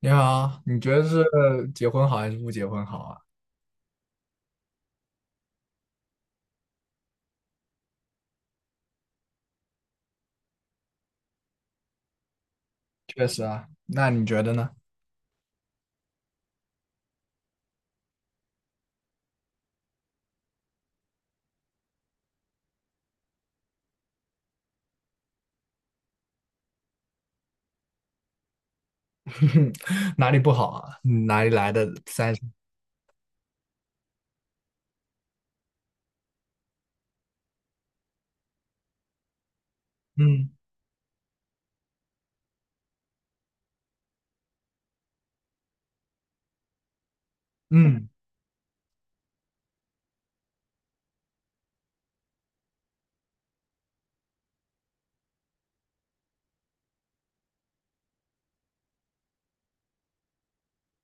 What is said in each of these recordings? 你好，你觉得是结婚好还是不结婚好啊？确实啊，那你觉得呢？哪里不好啊？嗯哪里来的三十？嗯嗯，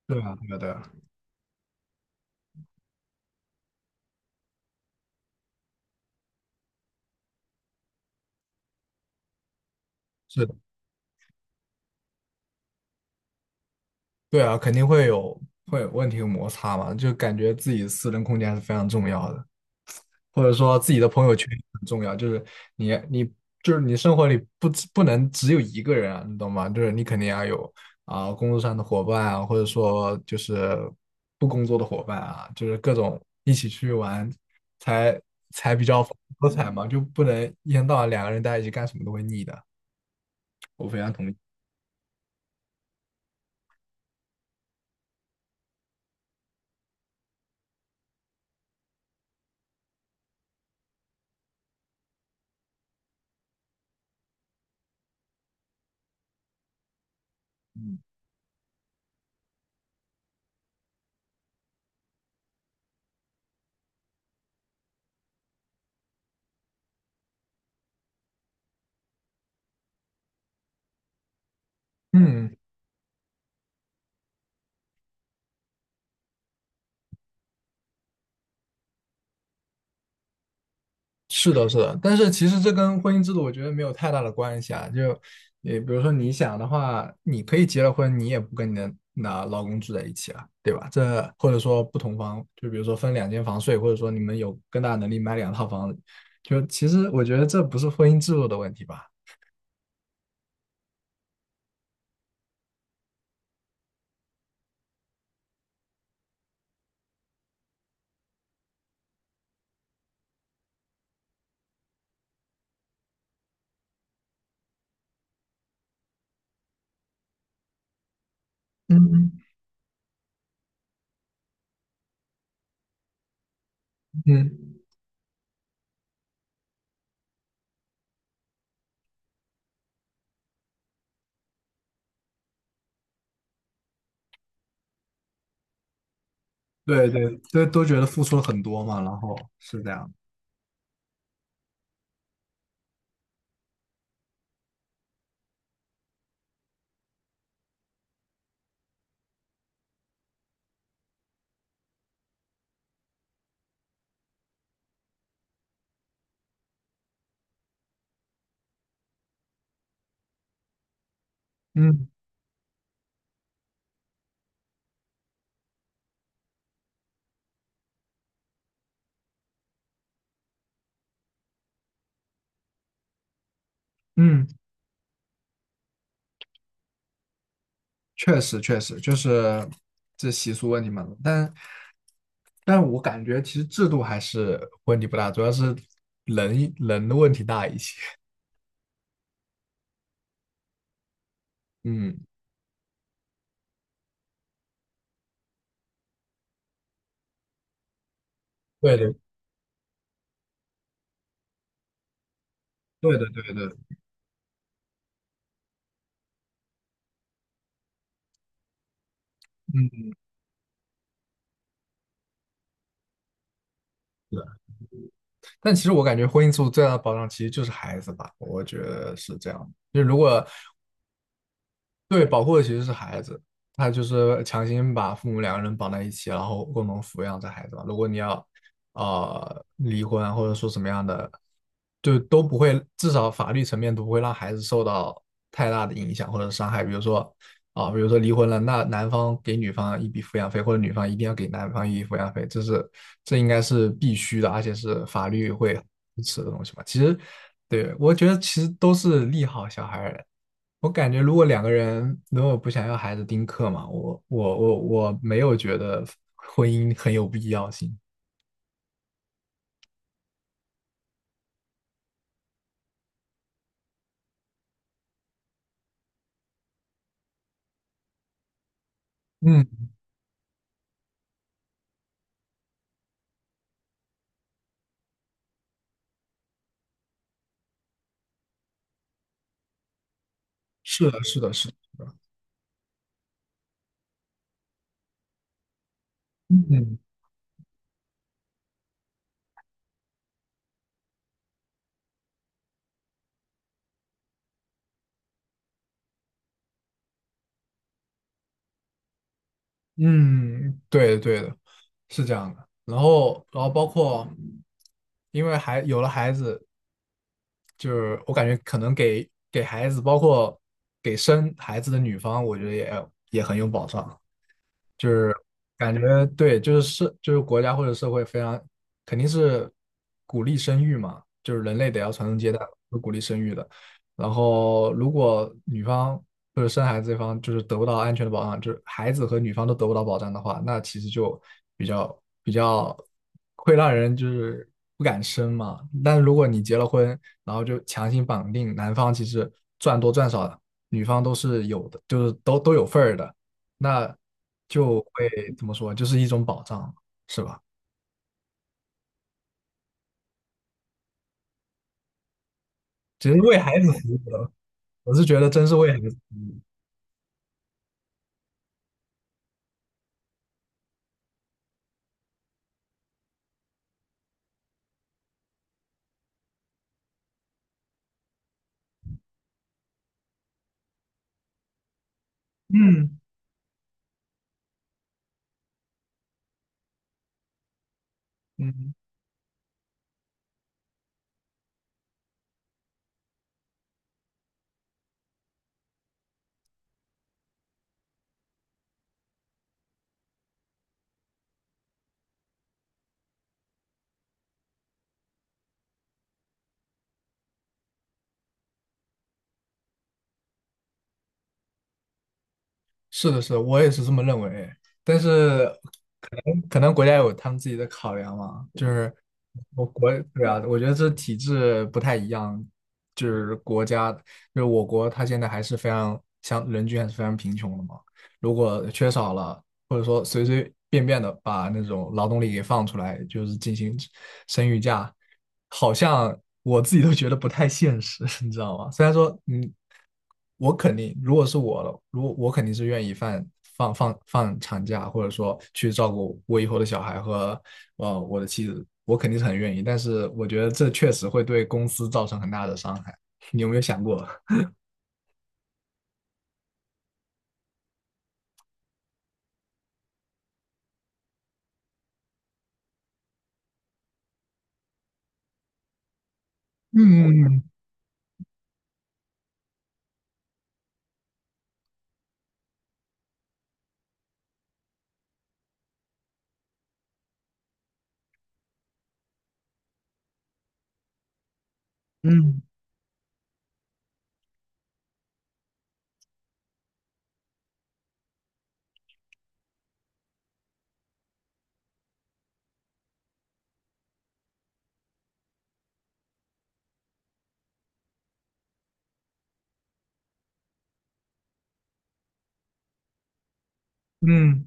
对啊，对啊，对啊，是的对啊，肯定会有问题有摩擦嘛，就感觉自己私人空间还是非常重要的。或者说自己的朋友圈很重要，就是你就是你生活里不能只有一个人啊，你懂吗？就是你肯定要有啊、工作上的伙伴啊，或者说就是不工作的伙伴啊，就是各种一起去玩才才比较丰富多彩嘛，就不能一天到晚两个人待在一起干什么都会腻的。我非常同意。嗯，嗯是的，是的，但是其实这跟婚姻制度我觉得没有太大的关系啊。就，也比如说你想的话，你可以结了婚，你也不跟你的那老公住在一起了，对吧？这或者说不同房，就比如说分两间房睡，或者说你们有更大的能力买两套房子就其实我觉得这不是婚姻制度的问题吧。嗯嗯，对对，都觉得付出了很多嘛，然后是这样。嗯嗯。确实确实就是这习俗问题嘛，但我感觉其实制度还是问题不大，主要是人的问题大一些。嗯，对的，对的，对的，嗯，是的。但其实我感觉婚姻制度最大的保障其实就是孩子吧，我觉得是这样。就如果对，保护的其实是孩子，他就是强行把父母两个人绑在一起，然后共同抚养这孩子嘛。如果你要离婚或者说什么样的，就都不会，至少法律层面都不会让孩子受到太大的影响或者伤害。比如说啊、比如说离婚了，那男方给女方一笔抚养费，或者女方一定要给男方一笔抚养费，这应该是必须的，而且是法律会支持的东西嘛。其实，对，我觉得其实都是利好小孩儿的。我感觉如果两个人如果不想要孩子丁克嘛，我没有觉得婚姻很有必要性。嗯，是的，是的，是的嗯嗯，对的，对的，是这样的。然后，包括，因为还有了孩子，就是我感觉可能给孩子，包括给生孩子的女方，我觉得也很有保障。就是感觉对，就是国家或者社会非常肯定是鼓励生育嘛，就是人类得要传宗接代，是鼓励生育的。然后如果女方或者生孩子这方就是得不到安全的保障，就是孩子和女方都得不到保障的话，那其实就比较会让人就是不敢生嘛。但是如果你结了婚，然后就强行绑定男方，其实赚多赚少，女方都是有的，就是都有份儿的，那就会怎么说，就是一种保障，是吧？其实为孩子服务的，我是觉得真是为孩子服务。嗯嗯。是的，是的，我也是这么认为。但是可能国家有他们自己的考量嘛，就是我国对啊，我觉得这体制不太一样，就是国家就是我国，它现在还是非常像人均还是非常贫穷的嘛。如果缺少了，或者说随随便便的把那种劳动力给放出来，就是进行生育假，好像我自己都觉得不太现实，你知道吗？虽然说，嗯。我肯定，如果是我了，如果我肯定是愿意放长假，或者说去照顾我以后的小孩和我的妻子，我肯定是很愿意。但是我觉得这确实会对公司造成很大的伤害。你有没有想过？嗯嗯嗯，嗯，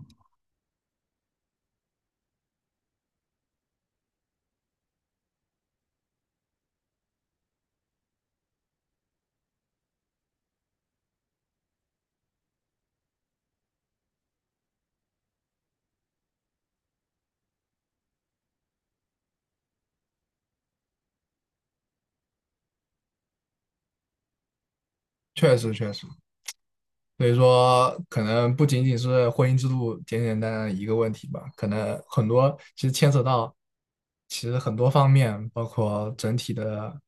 确实确实。所以说，可能不仅仅是婚姻制度简简单单的一个问题吧，可能很多其实牵扯到，其实很多方面，包括整体的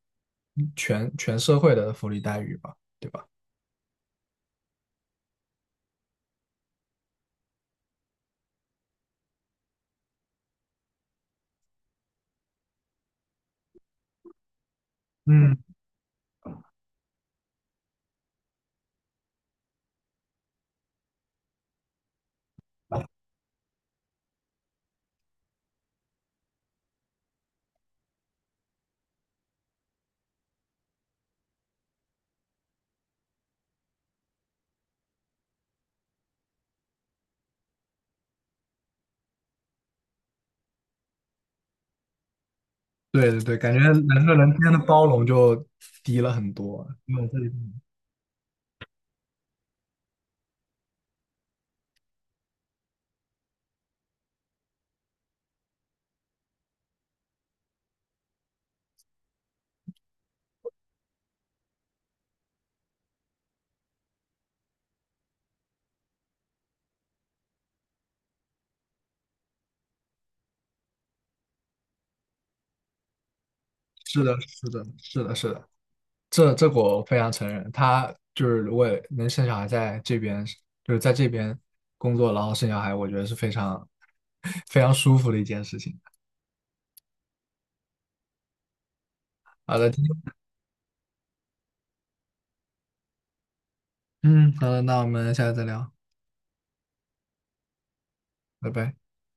全社会的福利待遇吧，对吧？嗯，对对对，感觉人和人之间的包容就低了很多。嗯对是的，是的，是的，是的。这个我非常承认，他就是如果能生小孩在这边，就是在这边工作，然后生小孩，我觉得是非常 非常舒服的一件事情。好的，嗯，好的，那我们下次再聊，拜拜。